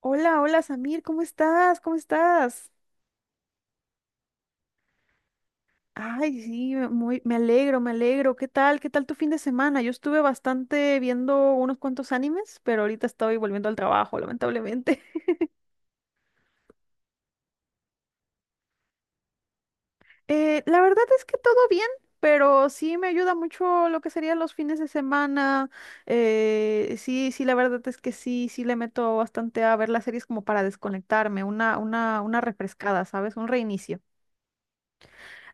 Hola, hola Samir, ¿cómo estás? ¿Cómo estás? Ay, sí, muy, me alegro, me alegro. ¿Qué tal? ¿Qué tal tu fin de semana? Yo estuve bastante viendo unos cuantos animes, pero ahorita estoy volviendo al trabajo, lamentablemente. La verdad es que todo bien, pero sí me ayuda mucho lo que serían los fines de semana. Sí, sí, la verdad es que sí, sí le meto bastante a ver las series como para desconectarme, una refrescada, ¿sabes? Un reinicio.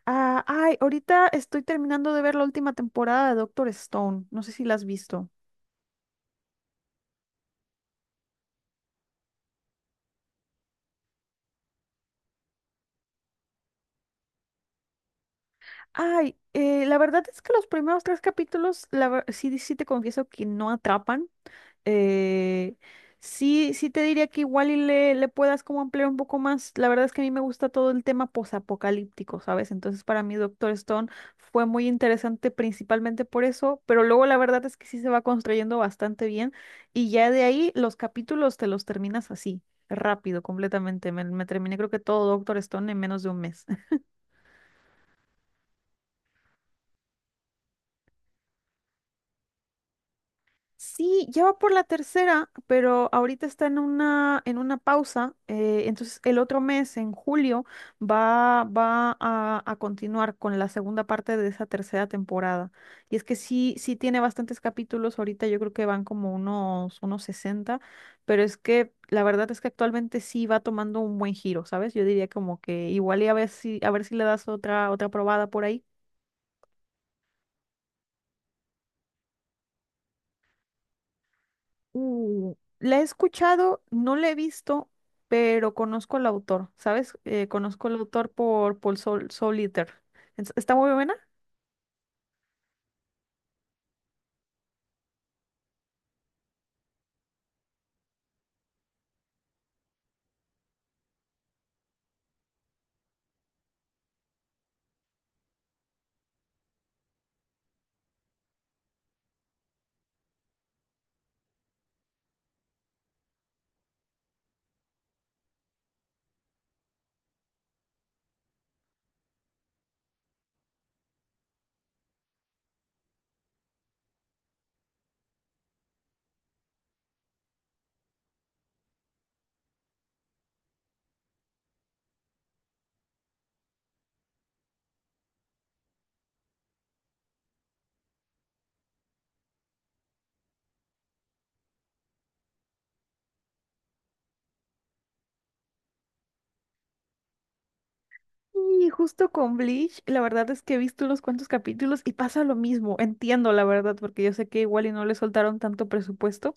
Ah, ay, ahorita estoy terminando de ver la última temporada de Doctor Stone. No sé si la has visto. Ay, la verdad es que los primeros tres capítulos, sí, sí te confieso que no atrapan. Eh, sí, sí te diría que igual y le puedas como ampliar un poco más. La verdad es que a mí me gusta todo el tema posapocalíptico, ¿sabes? Entonces para mí Doctor Stone fue muy interesante principalmente por eso, pero luego la verdad es que sí se va construyendo bastante bien y ya de ahí los capítulos te los terminas así, rápido, completamente. Me terminé creo que todo Doctor Stone en menos de un mes. Sí, ya va por la tercera, pero ahorita está en una pausa. Entonces el otro mes, en julio, va a continuar con la segunda parte de esa tercera temporada. Y es que sí, sí tiene bastantes capítulos. Ahorita yo creo que van como unos 60, pero es que la verdad es que actualmente sí va tomando un buen giro, ¿sabes? Yo diría como que igual y a ver si le das otra probada por ahí. La he escuchado, no la he visto, pero conozco al autor, ¿sabes? Conozco al autor por Paul Sol Soliter. Está muy buena. Y justo con Bleach, la verdad es que he visto unos cuantos capítulos y pasa lo mismo. Entiendo, la verdad, porque yo sé que igual y no le soltaron tanto presupuesto.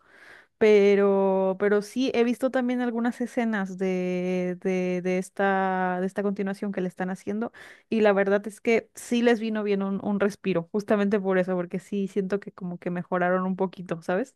Pero sí, he visto también algunas escenas de esta continuación que le están haciendo y la verdad es que sí les vino bien un respiro, justamente por eso, porque sí siento que como que mejoraron un poquito, ¿sabes?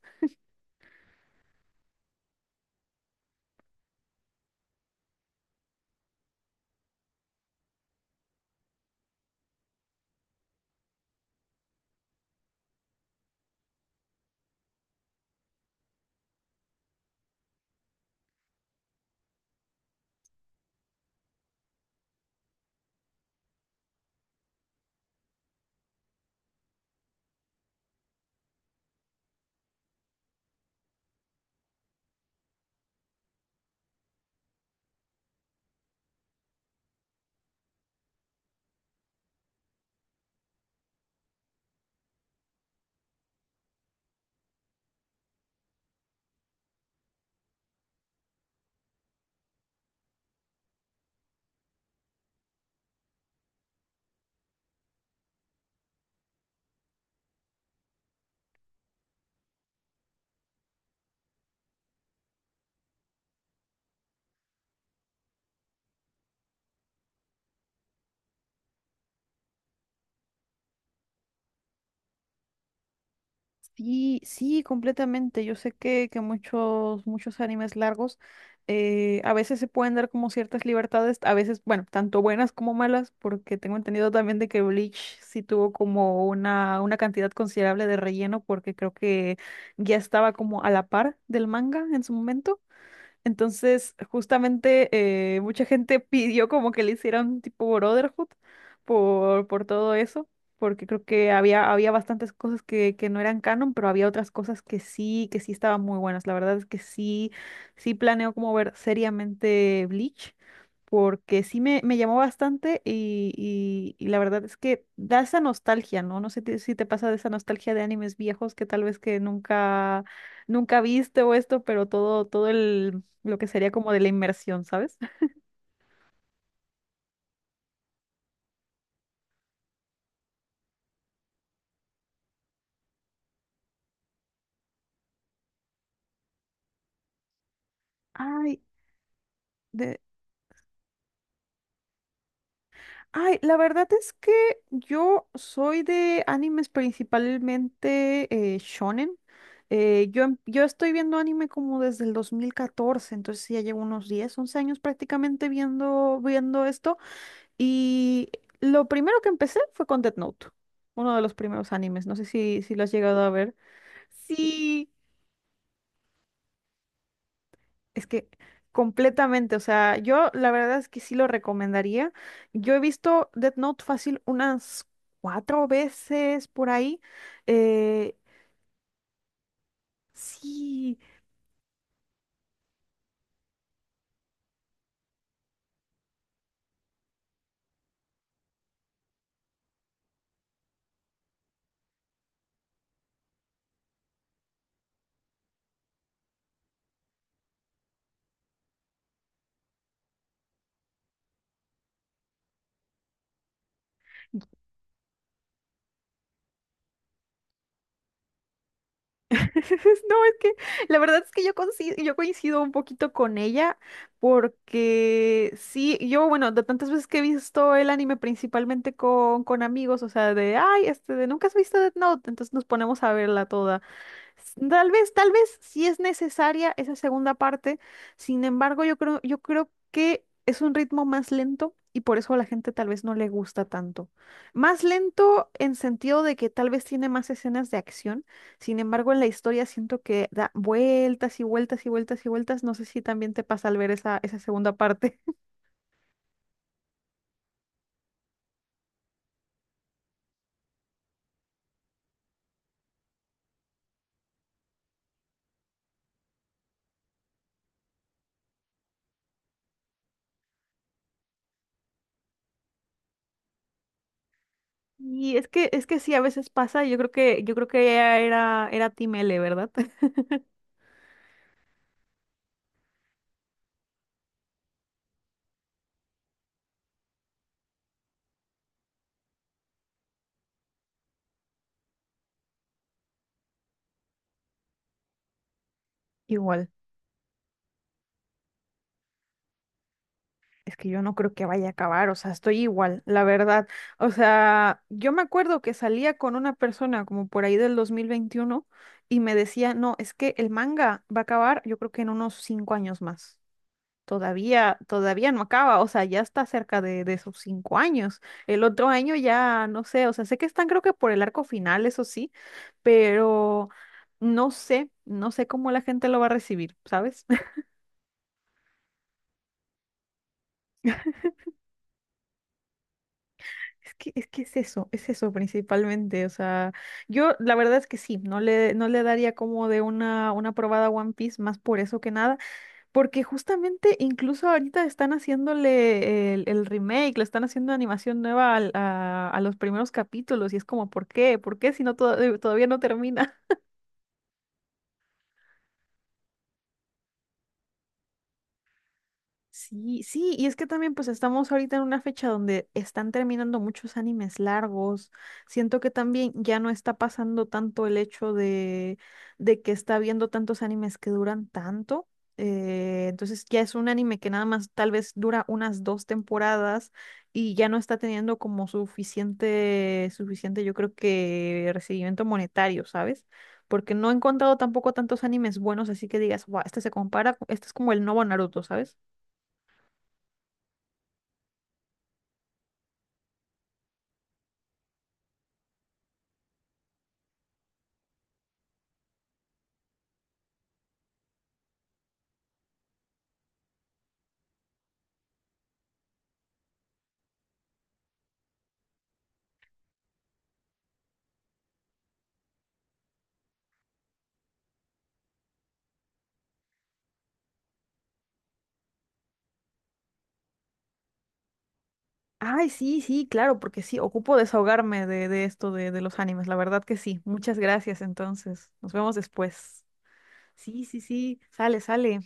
Sí, sí, completamente. Yo sé que muchos animes largos a veces se pueden dar como ciertas libertades, a veces, bueno, tanto buenas como malas, porque tengo entendido también de que Bleach sí tuvo como una cantidad considerable de relleno, porque creo que ya estaba como a la par del manga en su momento. Entonces, justamente mucha gente pidió como que le hicieran tipo Brotherhood por todo eso, porque creo que había bastantes cosas que no eran canon, pero había otras cosas que sí estaban muy buenas. La verdad es que sí, sí planeo como ver seriamente Bleach, porque sí me llamó bastante y la verdad es que da esa nostalgia, ¿no? No sé si te pasa de esa nostalgia de animes viejos que tal vez que nunca, nunca viste o esto, pero todo, todo el lo que sería como de la inmersión, ¿sabes? Ay, de... Ay, la verdad es que yo soy de animes principalmente shonen. Yo estoy viendo anime como desde el 2014, entonces ya llevo unos 10, 11 años prácticamente viendo esto. Y lo primero que empecé fue con Death Note, uno de los primeros animes. No sé si lo has llegado a ver. Sí, es que completamente, o sea, yo la verdad es que sí lo recomendaría. Yo he visto Death Note fácil unas cuatro veces por ahí. Eh, sí, no, es que la verdad es que yo coincido un poquito con ella porque sí, yo, bueno, de tantas veces que he visto el anime principalmente con amigos, o sea, ay, este, ¿nunca has visto Death Note? Entonces nos ponemos a verla toda. Tal vez sí es necesaria esa segunda parte, sin embargo, yo creo que es un ritmo más lento y por eso a la gente tal vez no le gusta tanto. Más lento en sentido de que tal vez tiene más escenas de acción, sin embargo, en la historia siento que da vueltas y vueltas y vueltas y vueltas. No sé si también te pasa al ver esa segunda parte. Y es que sí, a veces pasa, yo creo que ella era Team L, ¿verdad? Igual. Es que yo no creo que vaya a acabar, o sea, estoy igual, la verdad. O sea, yo me acuerdo que salía con una persona como por ahí del 2021 y me decía, no, es que el manga va a acabar yo creo que en unos 5 años más. Todavía, todavía no acaba, o sea, ya está cerca de esos 5 años. El otro año ya, no sé, o sea, sé que están creo que por el arco final, eso sí, pero no sé cómo la gente lo va a recibir, ¿sabes? Es que es eso principalmente. O sea, yo la verdad es que sí, no le daría como de una probada a One Piece más por eso que nada, porque justamente incluso ahorita están haciéndole el remake, le están haciendo animación nueva a los primeros capítulos y es como, ¿por qué? ¿Por qué si no todavía no termina? Sí, sí, y es que también pues estamos ahorita en una fecha donde están terminando muchos animes largos. Siento que también ya no está pasando tanto el hecho de que está viendo tantos animes que duran tanto. Entonces ya es un anime que nada más tal vez dura unas dos temporadas y ya no está teniendo como suficiente, suficiente yo creo que recibimiento monetario, ¿sabes? Porque no he encontrado tampoco tantos animes buenos, así que digas, wow, este se compara, este es como el nuevo Naruto, ¿sabes? Ay, sí, sí, claro, porque sí, ocupo desahogarme de esto de los animes, la verdad que sí. Muchas gracias, entonces. Nos vemos después. Sí, sí, sí, sale, sale.